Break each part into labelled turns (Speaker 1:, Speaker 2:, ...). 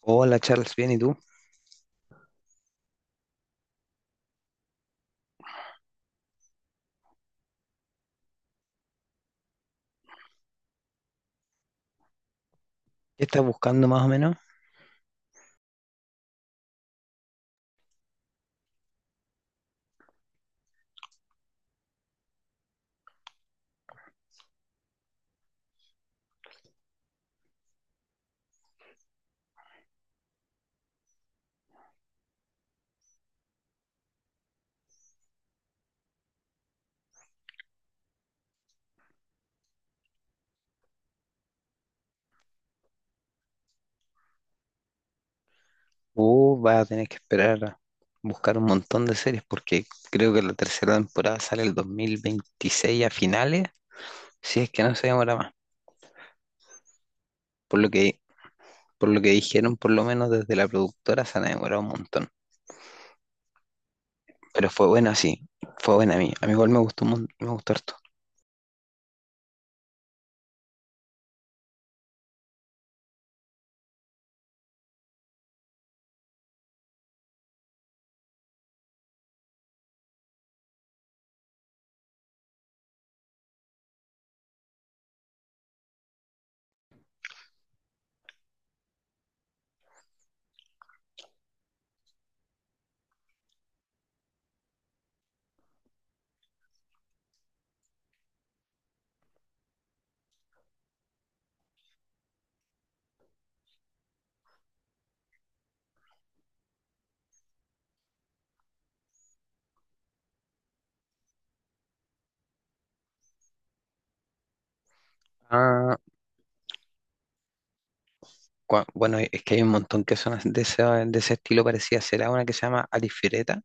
Speaker 1: Hola Charles, bien, ¿y tú? ¿Qué estás buscando más o menos? Vas a tener que esperar a buscar un montón de series porque creo que la tercera temporada sale el 2026 a finales, si es que no se demora más. Por lo que, por lo que dijeron, por lo menos desde la productora se han demorado un montón. Pero fue buena, sí, fue buena a mí. A mí igual me gustó, me gustó harto. Ah, bueno, es que hay un montón que son de ese estilo, parecía. Será una que se llama Alifireta.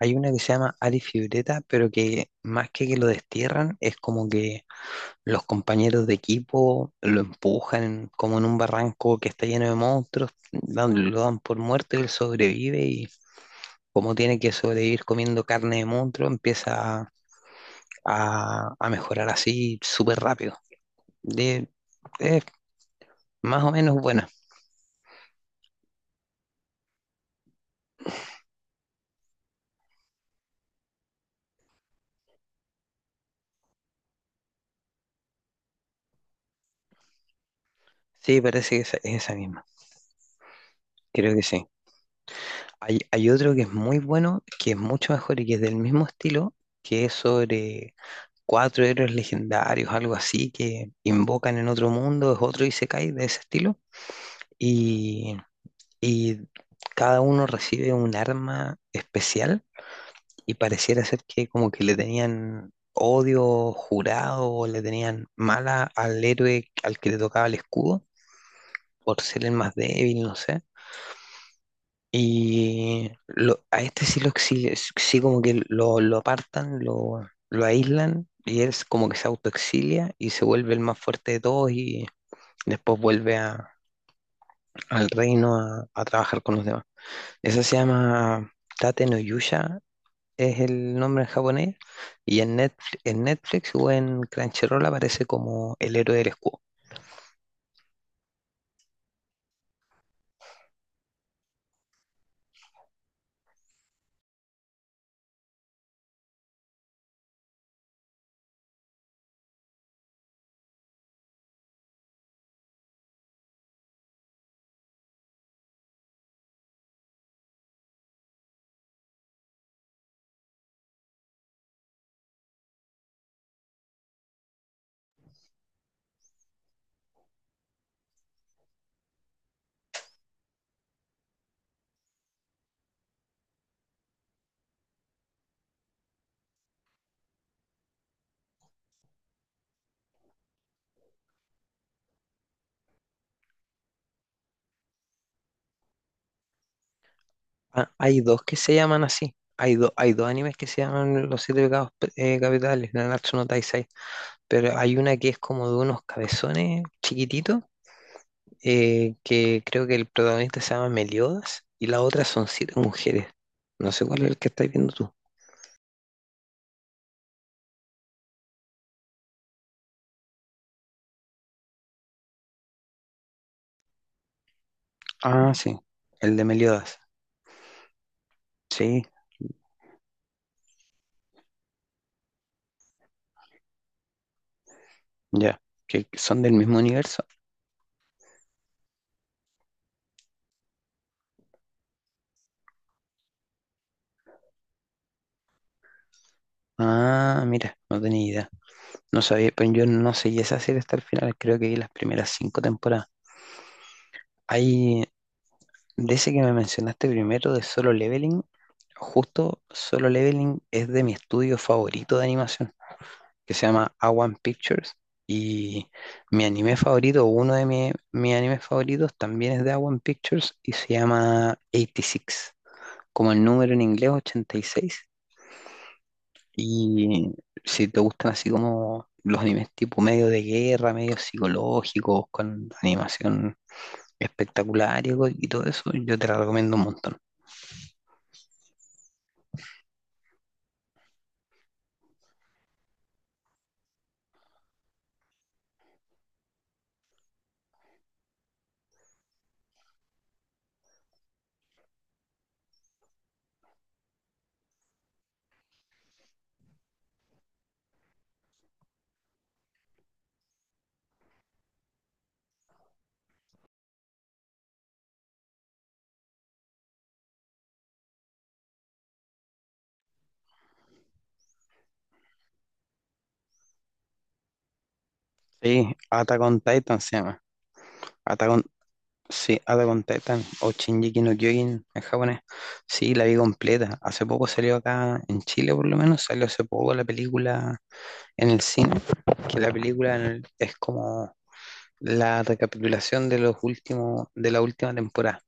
Speaker 1: Hay una que se llama Ali Fioretta, pero que más que lo destierran, es como que los compañeros de equipo lo empujan como en un barranco que está lleno de monstruos, lo dan por muerto y él sobrevive y como tiene que sobrevivir comiendo carne de monstruo, empieza a mejorar así súper rápido. De, es más o menos buena. Sí, parece que es esa misma. Creo que sí. Hay otro que es muy bueno, que es mucho mejor y que es del mismo estilo, que es sobre cuatro héroes legendarios, algo así, que invocan en otro mundo, es otro Isekai de ese estilo. Y, y cada uno recibe un arma especial y pareciera ser que como que le tenían odio jurado o le tenían mala al héroe al que le tocaba el escudo por ser el más débil, no sé. A este sí lo exige, sí como que lo apartan, lo aíslan y él es como que se autoexilia y se vuelve el más fuerte de todos y después vuelve al reino a trabajar con los demás. Eso se llama Tate no Yusha, es el nombre en japonés, y en Netflix o en Crunchyroll aparece como El héroe del escudo. Ah, hay dos que se llaman así. Hay dos animes que se llaman Los Siete Pecados Capitales, Nanatsu no Taizai, pero hay una que es como de unos cabezones chiquititos, que creo que el protagonista se llama Meliodas, y la otra son siete mujeres. No sé cuál es el que estás viendo tú. Ah, sí, el de Meliodas. Sí, ya, que son del mismo universo. Ah, mira, no tenía idea. No sabía, pero yo no seguí esa serie hasta el final, creo que vi las primeras cinco temporadas. Hay, de ese que me mencionaste primero, de Solo Leveling, justo Solo Leveling es de mi estudio favorito de animación, que se llama A One Pictures. Y mi anime favorito, uno de mis animes favoritos, también es de A One Pictures y se llama 86, como el número en inglés 86. Y seis. Y si te gustan así como los animes tipo medio de guerra, medio psicológicos, con animación espectacular y, y todo eso, yo te la recomiendo un montón. Sí, Attack on Titan se llama. Attack Sí, Attack on Titan o Shingeki no Kyojin en japonés. Sí, la vi completa. Hace poco salió acá en Chile, por lo menos, salió hace poco la película en el cine, que la película es como la recapitulación de de la última temporada,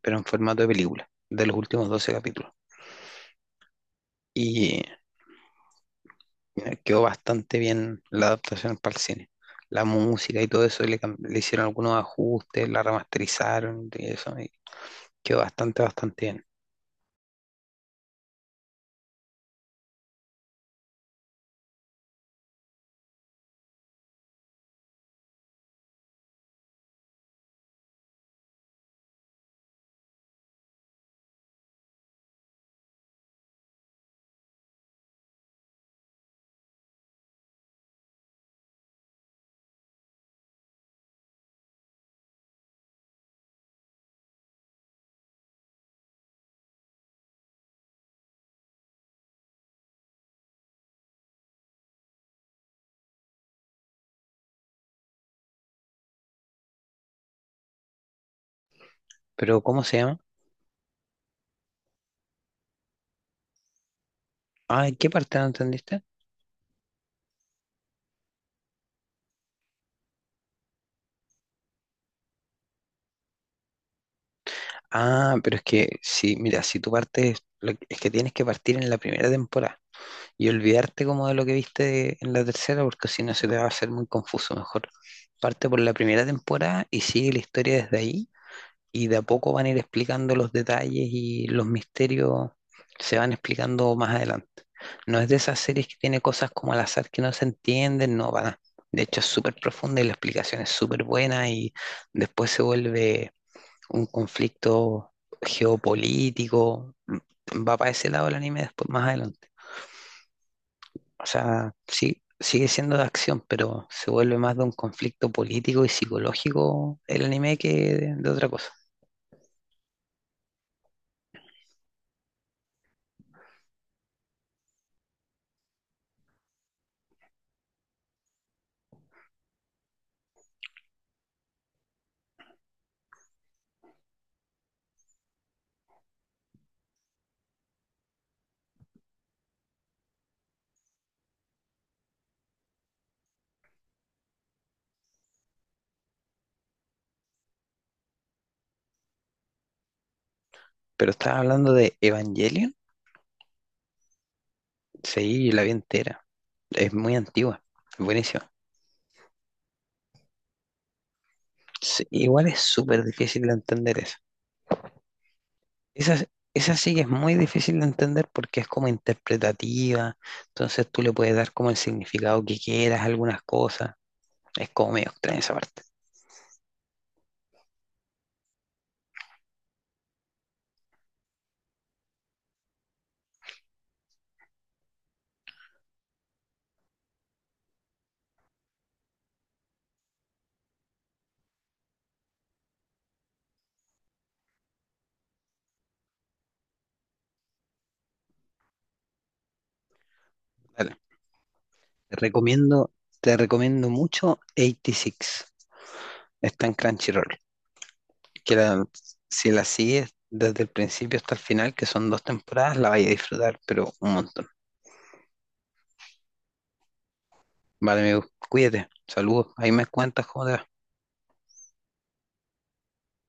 Speaker 1: pero en formato de película, de los últimos 12 capítulos. Y quedó bastante bien la adaptación para el cine. La música y todo eso, le hicieron algunos ajustes, la remasterizaron y eso, y quedó bastante, bastante bien. Pero, ¿cómo se llama? Ah, ¿en qué parte no entendiste? Ah, pero es que sí, mira, si tú partes, es que tienes que partir en la primera temporada y olvidarte como de lo que viste en la tercera, porque si no se te va a hacer muy confuso. Mejor parte por la primera temporada y sigue la historia desde ahí y de a poco van a ir explicando los detalles, y los misterios se van explicando más adelante. No es de esas series que tiene cosas como al azar que no se entienden, no, para nada. De hecho, es súper profunda y la explicación es súper buena y después se vuelve un conflicto geopolítico. Va para ese lado el anime después, más adelante. O sea, sí, sigue siendo de acción, pero se vuelve más de un conflicto político y psicológico el anime que de otra cosa. Pero estaba hablando de Evangelion. Sí, la vi entera. Es muy antigua. Es buenísima. Sí, igual es súper difícil de entender eso. Esa, esa sí que es muy difícil de entender porque es como interpretativa. Entonces tú le puedes dar como el significado que quieras a algunas cosas. Es como medio extraña esa parte. Dale. Te recomiendo, te recomiendo mucho 86. Está en Crunchyroll. Que la- si la sigues desde el principio hasta el final, que son dos temporadas, la vais a disfrutar, pero un montón. Vale, amigo, cuídate. Saludos. Ahí me cuentas cómo te va.